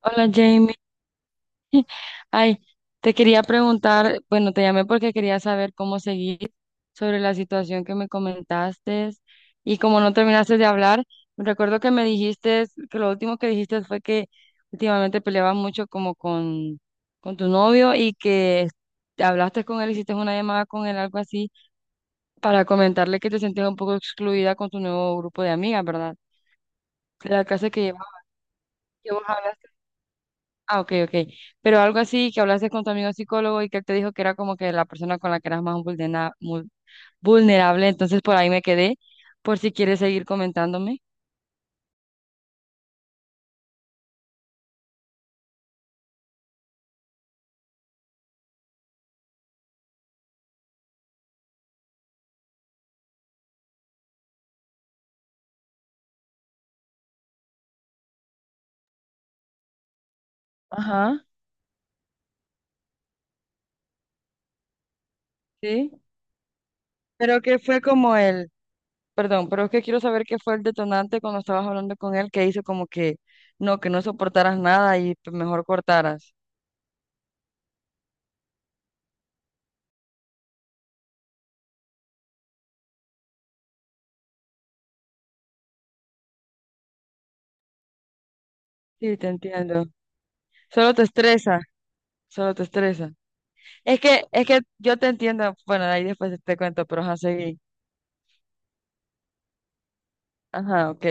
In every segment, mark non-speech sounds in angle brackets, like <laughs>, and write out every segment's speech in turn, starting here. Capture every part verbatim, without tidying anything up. Hola Jamie, <laughs> ay, te quería preguntar, bueno, te llamé porque quería saber cómo seguir sobre la situación que me comentaste y como no terminaste de hablar, recuerdo que me dijiste, que lo último que dijiste fue que últimamente peleabas mucho como con, con tu novio y que te hablaste con él, hiciste una llamada con él, algo así, para comentarle que te sentías un poco excluida con tu nuevo grupo de amigas, ¿verdad? La clase que llevabas, que vos hablaste. Ah, ok, ok. Pero algo así que hablaste con tu amigo psicólogo y que él te dijo que era como que la persona con la que eras más vulnera- mul- vulnerable, entonces por ahí me quedé, por si quieres seguir comentándome. Ajá. Sí. Pero que fue como el, perdón, pero es que quiero saber qué fue el detonante cuando estabas hablando con él que hizo como que no, que no soportaras nada y pues, mejor cortaras. Sí, te entiendo. Solo te estresa, solo te estresa. Es que, es que yo te entiendo, bueno, ahí después te cuento, pero ajá, seguí. Ajá, ok.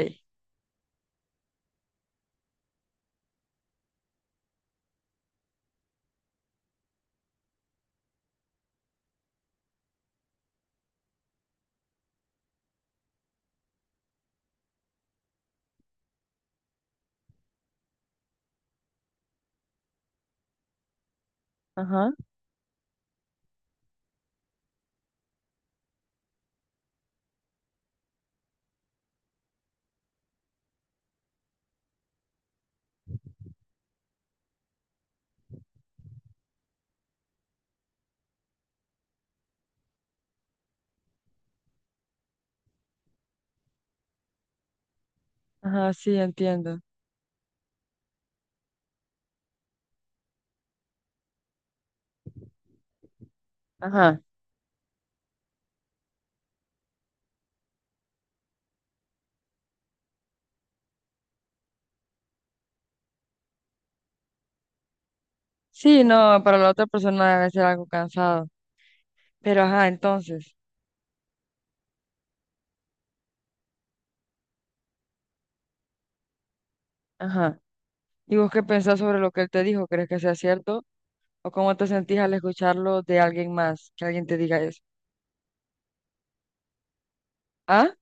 Ajá. Ajá, sí, entiendo. Ajá. Sí, no, para la otra persona debe ser algo cansado. Pero ajá, entonces, ajá. ¿Y vos qué pensás sobre lo que él te dijo? ¿Crees que sea cierto? ¿O cómo te sentís al escucharlo de alguien más, que alguien te diga eso? Ah,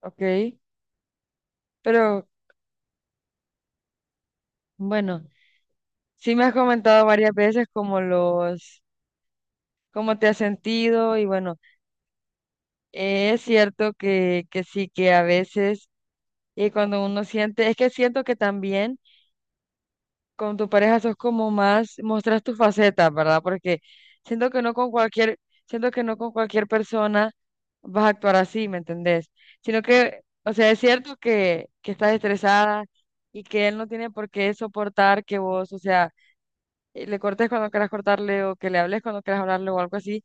ok. Pero bueno, sí me has comentado varias veces como los, cómo te has sentido y bueno, eh, es cierto que, que sí, que a veces, y cuando uno siente, es que siento que también con tu pareja sos como más, mostras tu faceta, ¿verdad? Porque siento que no con cualquier, siento que no con cualquier persona vas a actuar así, ¿me entendés? Sino que, o sea, es cierto que, que estás estresada y que él no tiene por qué soportar que vos, o sea, eh, le cortes cuando quieras cortarle o que le hables cuando quieras hablarle o algo así,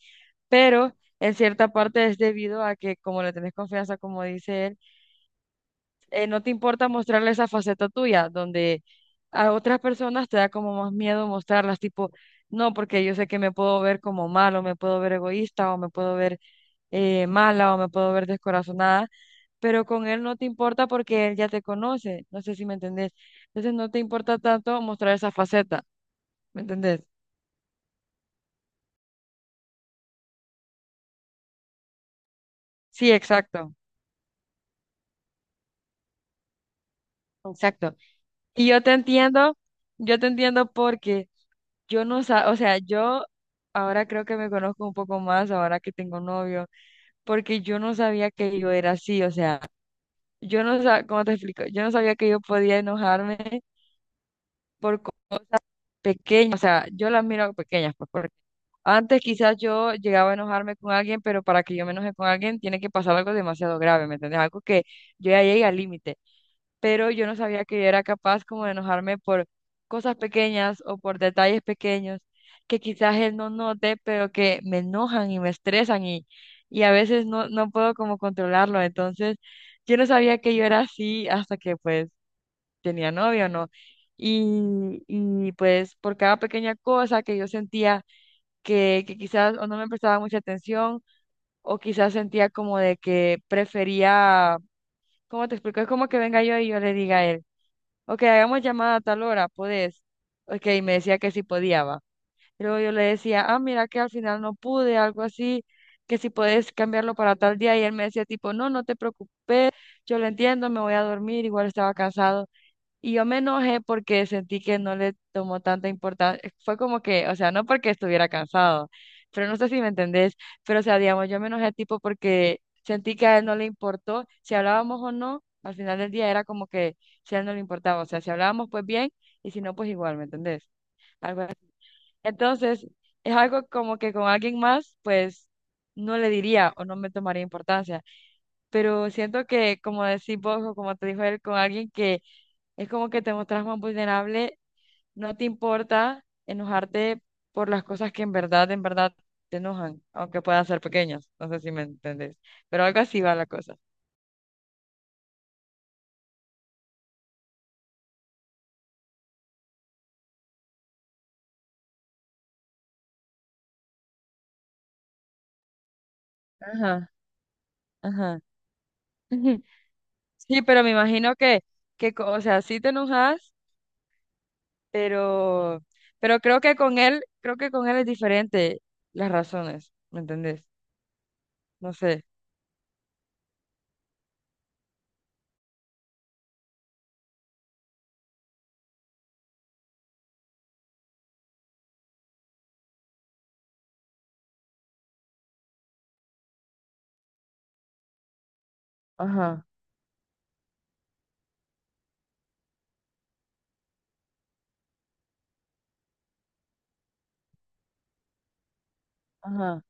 pero en cierta parte es debido a que como le tenés confianza, como dice él, eh, no te importa mostrarle esa faceta tuya, donde a otras personas te da como más miedo mostrarlas, tipo, no, porque yo sé que me puedo ver como malo, me puedo ver egoísta, o me puedo ver eh, mala, o me puedo ver descorazonada, pero con él no te importa porque él ya te conoce, no sé si me entendés. Entonces no te importa tanto mostrar esa faceta, ¿me entendés? Sí, exacto, exacto. Y yo te entiendo, yo te entiendo porque Yo no sa- o sea, yo ahora creo que me conozco un poco más ahora que tengo novio, porque yo no sabía que yo era así, o sea, yo no sabía, ¿cómo te explico? Yo no sabía que yo podía enojarme por cosas pequeñas, o sea, yo las miro pequeñas, pues, porque antes quizás yo llegaba a enojarme con alguien, pero para que yo me enoje con alguien tiene que pasar algo demasiado grave, ¿me entiendes? Algo que yo ya llegue al límite, pero yo no sabía que era capaz como de enojarme por cosas pequeñas o por detalles pequeños que quizás él no note, pero que me enojan y me estresan y, y a veces no, no puedo como controlarlo. Entonces, yo no sabía que yo era así hasta que pues tenía novio, ¿no? Y, y pues por cada pequeña cosa que yo sentía que, que quizás o no me prestaba mucha atención o quizás sentía como de que prefería, ¿cómo te explico? Es como que venga yo y yo le diga a él. Ok, hagamos llamada a tal hora, ¿podés? Ok, y me decía que sí podía, va. Y luego yo le decía, ah, mira que al final no pude, algo así, que si podés cambiarlo para tal día. Y él me decía tipo, no, no te preocupes, yo lo entiendo, me voy a dormir, igual estaba cansado. Y yo me enojé porque sentí que no le tomó tanta importancia. Fue como que, o sea, no porque estuviera cansado, pero no sé si me entendés, pero o sea, digamos, yo me enojé tipo porque sentí que a él no le importó si hablábamos o no, al final del día era como que si a él no le importaba, o sea, si hablábamos pues bien y si no pues igual, ¿me entendés? Algo así. Entonces, es algo como que con alguien más pues no le diría o no me tomaría importancia, pero siento que como decís vos o como te dijo él, con alguien que es como que te mostras más vulnerable, no te importa enojarte por las cosas que en verdad, en verdad te enojan, aunque puedan ser pequeñas, no sé si me entendés, pero algo así va la cosa. Ajá, ajá. <laughs> Sí, pero me imagino que, que, co- o sea, sí te enojas, pero, pero creo que con él, creo que con él es diferente las razones, ¿me entendés? No sé. Ajá, ajá.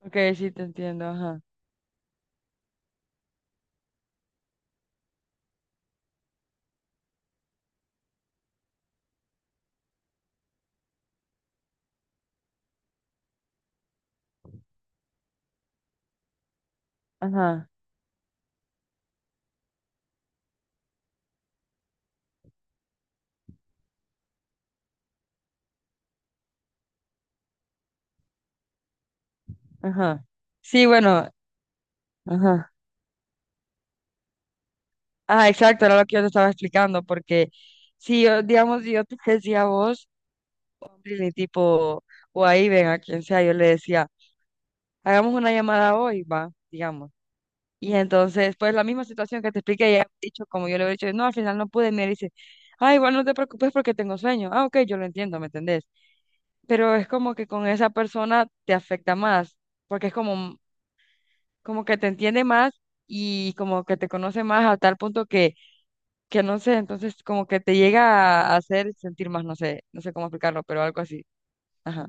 Ok, sí te entiendo, ajá, ajá, ajá. Sí, bueno, ajá. Ah, exacto, era lo que yo te estaba explicando, porque si yo, digamos, si yo te decía a vos, ni tipo, o ahí ven a quien sea, yo le decía, hagamos una llamada hoy, va, digamos. Y entonces, pues la misma situación que te expliqué, ella ha dicho, como yo le he dicho, no, al final no pude, y me dice, ah, igual no te preocupes porque tengo sueño. Ah, ok, yo lo entiendo, ¿me entendés? Pero es como que con esa persona te afecta más, porque es como, como que te entiende más y como que te conoce más a tal punto que que no sé, entonces como que te llega a hacer sentir más, no sé, no sé cómo explicarlo, pero algo así. Ajá.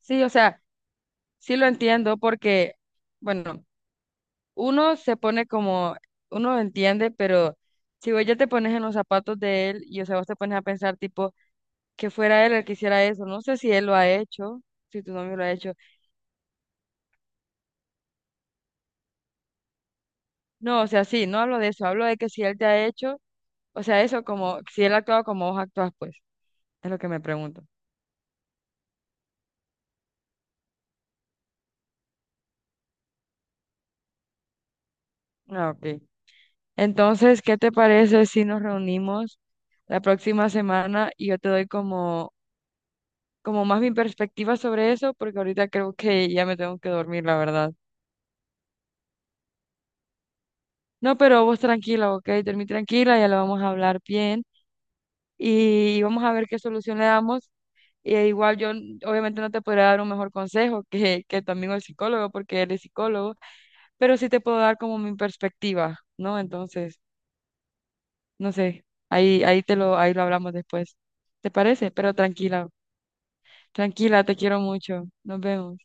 Sí, o sea, sí lo entiendo porque, bueno, uno se pone como, uno lo entiende, pero si vos ya te pones en los zapatos de él y, o sea, vos te pones a pensar tipo que fuera él el que hiciera eso, no sé si él lo ha hecho, si tu novio lo ha hecho. No, o sea, sí, no hablo de eso, hablo de que si él te ha hecho, o sea, eso como, si él ha actuado como vos actúas, pues, es lo que me pregunto. Ah, ok. Entonces, ¿qué te parece si nos reunimos la próxima semana y yo te doy como, como más mi perspectiva sobre eso? Porque ahorita creo que ya me tengo que dormir, la verdad. No, pero vos tranquila, ¿ok? Dormí tranquila, ya lo vamos a hablar bien y vamos a ver qué solución le damos. Y igual yo n- obviamente no te podré dar un mejor consejo que, que tu amigo el psicólogo, porque él es psicólogo, pero sí te puedo dar como mi perspectiva, ¿no? Entonces, no sé, ahí, ahí te lo, ahí lo hablamos después. ¿Te parece? Pero tranquila. Tranquila, te quiero mucho. Nos vemos.